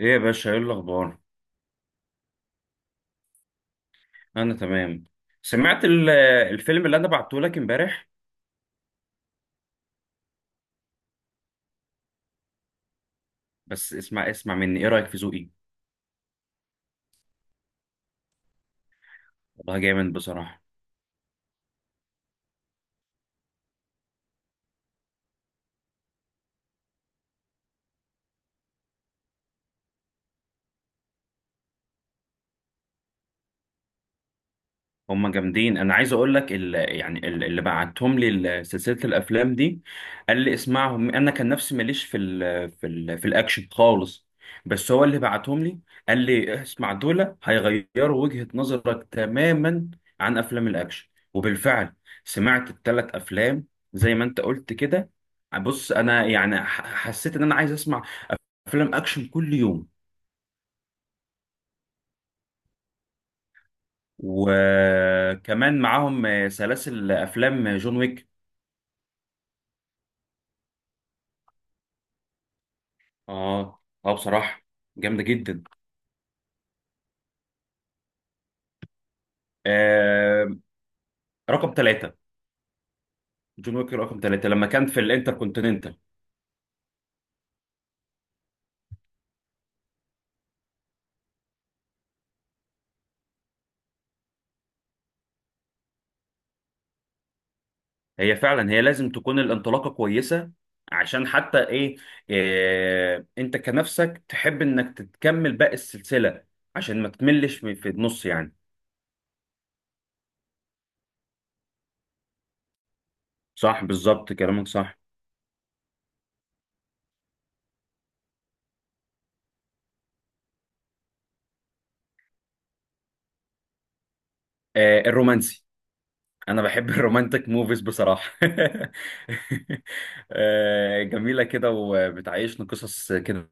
ايه يا باشا، ايه الاخبار؟ انا تمام. سمعت الفيلم اللي انا بعته لك امبارح. بس اسمع مني، ايه رايك في ذوقي؟ والله جامد بصراحه. هم جامدين. انا عايز اقول لك اللي بعتهم لي، سلسله الافلام دي، قال لي اسمعهم. انا كان نفسي ماليش في ال في ال في الاكشن خالص، بس هو اللي بعتهم لي، قال لي اسمع دول هيغيروا وجهه نظرك تماما عن افلام الاكشن. وبالفعل سمعت الثلاث افلام، زي ما انت قلت كده. بص انا يعني حسيت ان انا عايز اسمع افلام اكشن كل يوم. وكمان معاهم سلاسل افلام جون ويك. اه اه بصراحة جامدة جدا. آه، رقم ثلاثة. جون ويك رقم ثلاثة لما كان في الانتركونتيننتال. هي فعلا هي لازم تكون الانطلاقة كويسة عشان حتى ايه. آه، انت كنفسك تحب انك تكمل باقي السلسلة عشان ما تملش في النص يعني. صح، بالظبط كلامك صح. آه، الرومانسي. انا بحب الرومانتك موفيز بصراحه آه، جميله كده وبتعيشنا قصص كده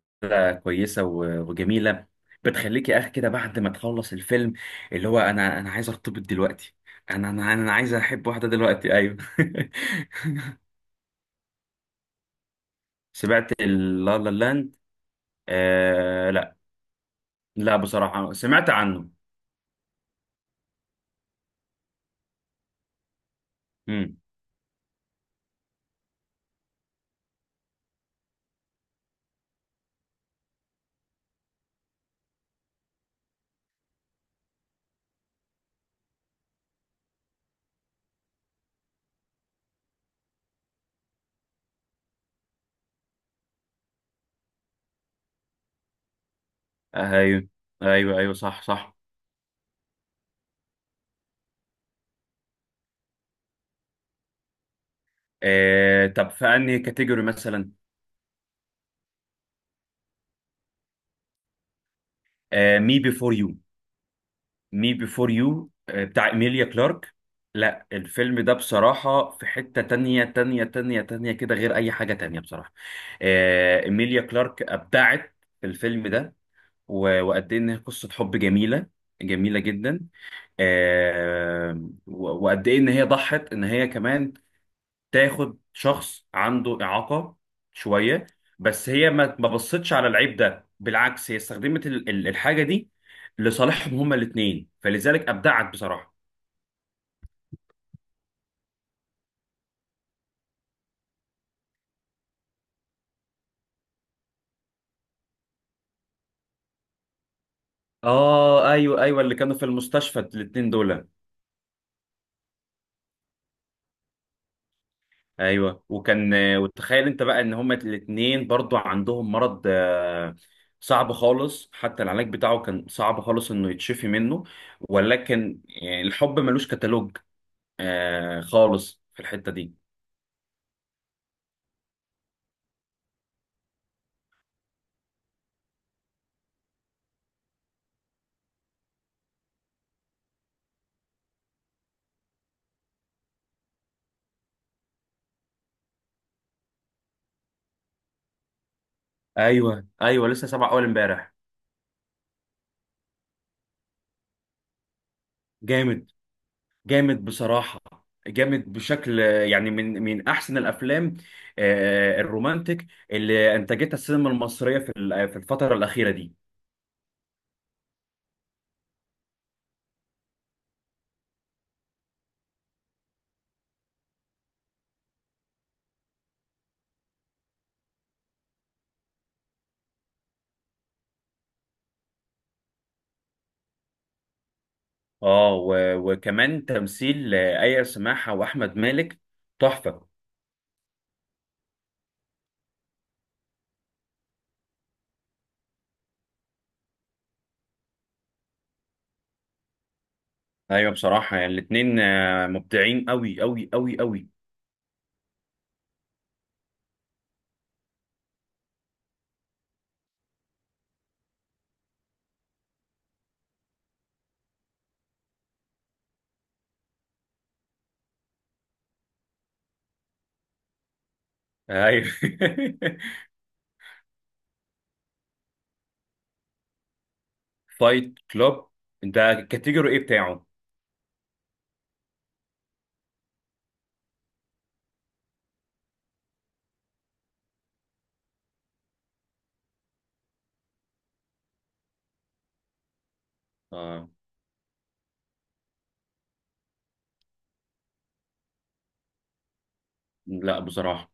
كويسه وجميله. بتخليك يا اخي كده بعد ما تخلص الفيلم، اللي هو انا عايز ارتبط دلوقتي. انا عايز احب واحده دلوقتي، ايوه. سمعت لا لا لاند؟ آه لا، لا بصراحه سمعت عنه. امم ايوه ايوه، ايوه صح صح. آه، طب في انهي كاتيجوري مثلا؟ آه، مي بيفور يو. مي بيفور يو بتاع إيميليا كلارك. لا الفيلم ده بصراحة في حتة تانية تانية تانية تانية كده، غير أي حاجة تانية بصراحة. آه، إيميليا كلارك أبدعت في الفيلم ده. وقد إيه إن هي قصة حب جميلة، جميلة جدا. آه، وقد إيه إن هي ضحت إن هي كمان تاخد شخص عنده إعاقة شوية. بس هي ما بصتش على العيب ده، بالعكس هي استخدمت الحاجة دي لصالحهم هما الاتنين، فلذلك أبدعت بصراحة. اه ايوه ايوه، اللي كانوا في المستشفى الاتنين دول. ايوه وكان، وتخيل انت بقى ان هما الاتنين برضو عندهم مرض آه، صعب خالص، حتى العلاج بتاعه كان صعب خالص انه يتشفي منه. ولكن يعني الحب ملوش كتالوج آه، خالص في الحتة دي. ايوه ايوه، لسه سبع اول امبارح. جامد، جامد بصراحه. جامد بشكل يعني من من احسن الافلام آه، الرومانتك اللي انتجتها السينما المصريه في في الفتره الاخيره دي. اه وكمان تمثيل آه، ايا سماحه واحمد مالك تحفه. ايوه بصراحه يعني الاثنين مبدعين قوي قوي قوي قوي. ايوه. فايت كلوب، ده الكاتيجوري ايه بتاعه؟ آه. لا بصراحه.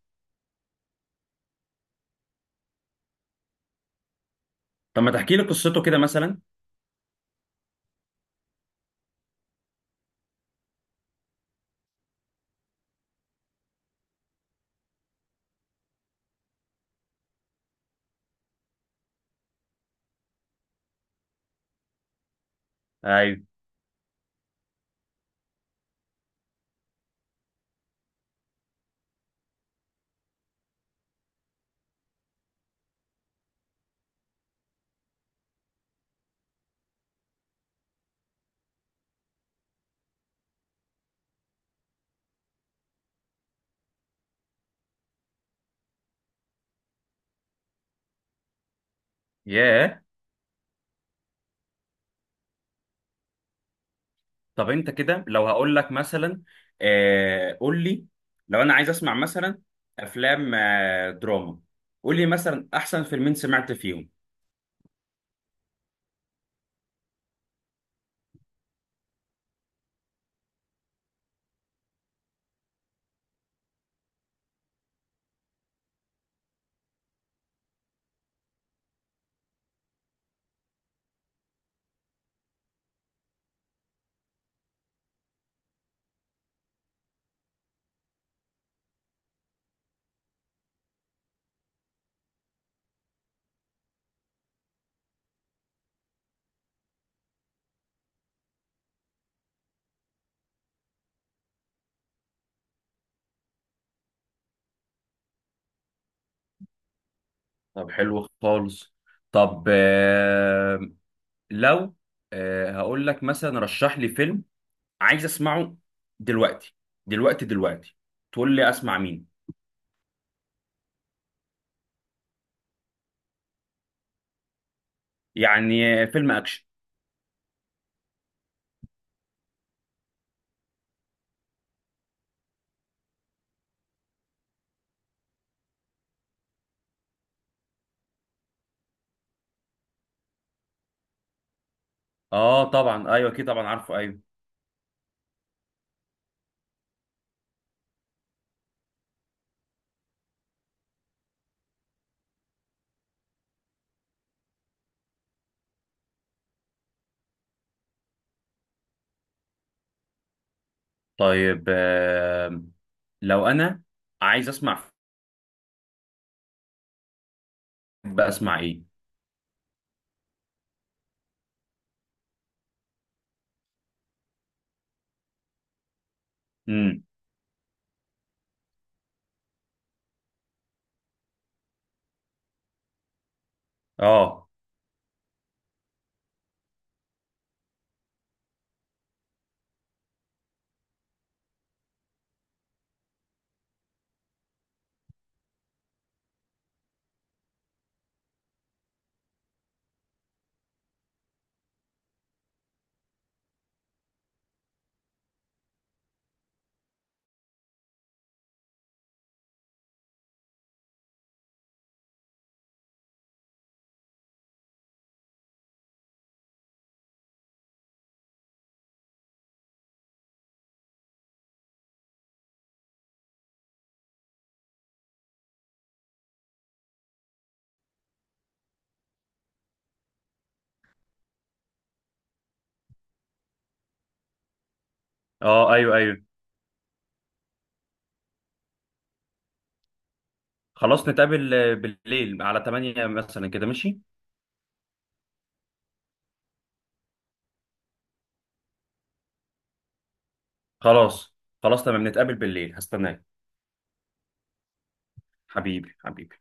طب ما تحكي لي قصته كده مثلا. ايوه. ياه. طب انت كده لو هقول لك مثلا آه، قول لي، لو انا عايز اسمع مثلا افلام آه دراما، قول لي مثلا احسن فيلمين سمعت فيهم. طب حلو خالص. طب آه لو، آه هقول لك مثلا رشح لي فيلم عايز اسمعه دلوقتي دلوقتي دلوقتي، تقول لي اسمع مين؟ يعني آه، فيلم اكشن. اه طبعا ايوه اكيد طبعا عارفه ايوه. طيب آه، لو انا عايز اسمع، بسمع ايه؟ امم اه اه ايوه ايوه. خلاص نتقابل آه، بالليل على 8 مثلا كده ماشي. خلاص، خلاص تمام نتقابل بالليل، هستناك. حبيبي حبيبي.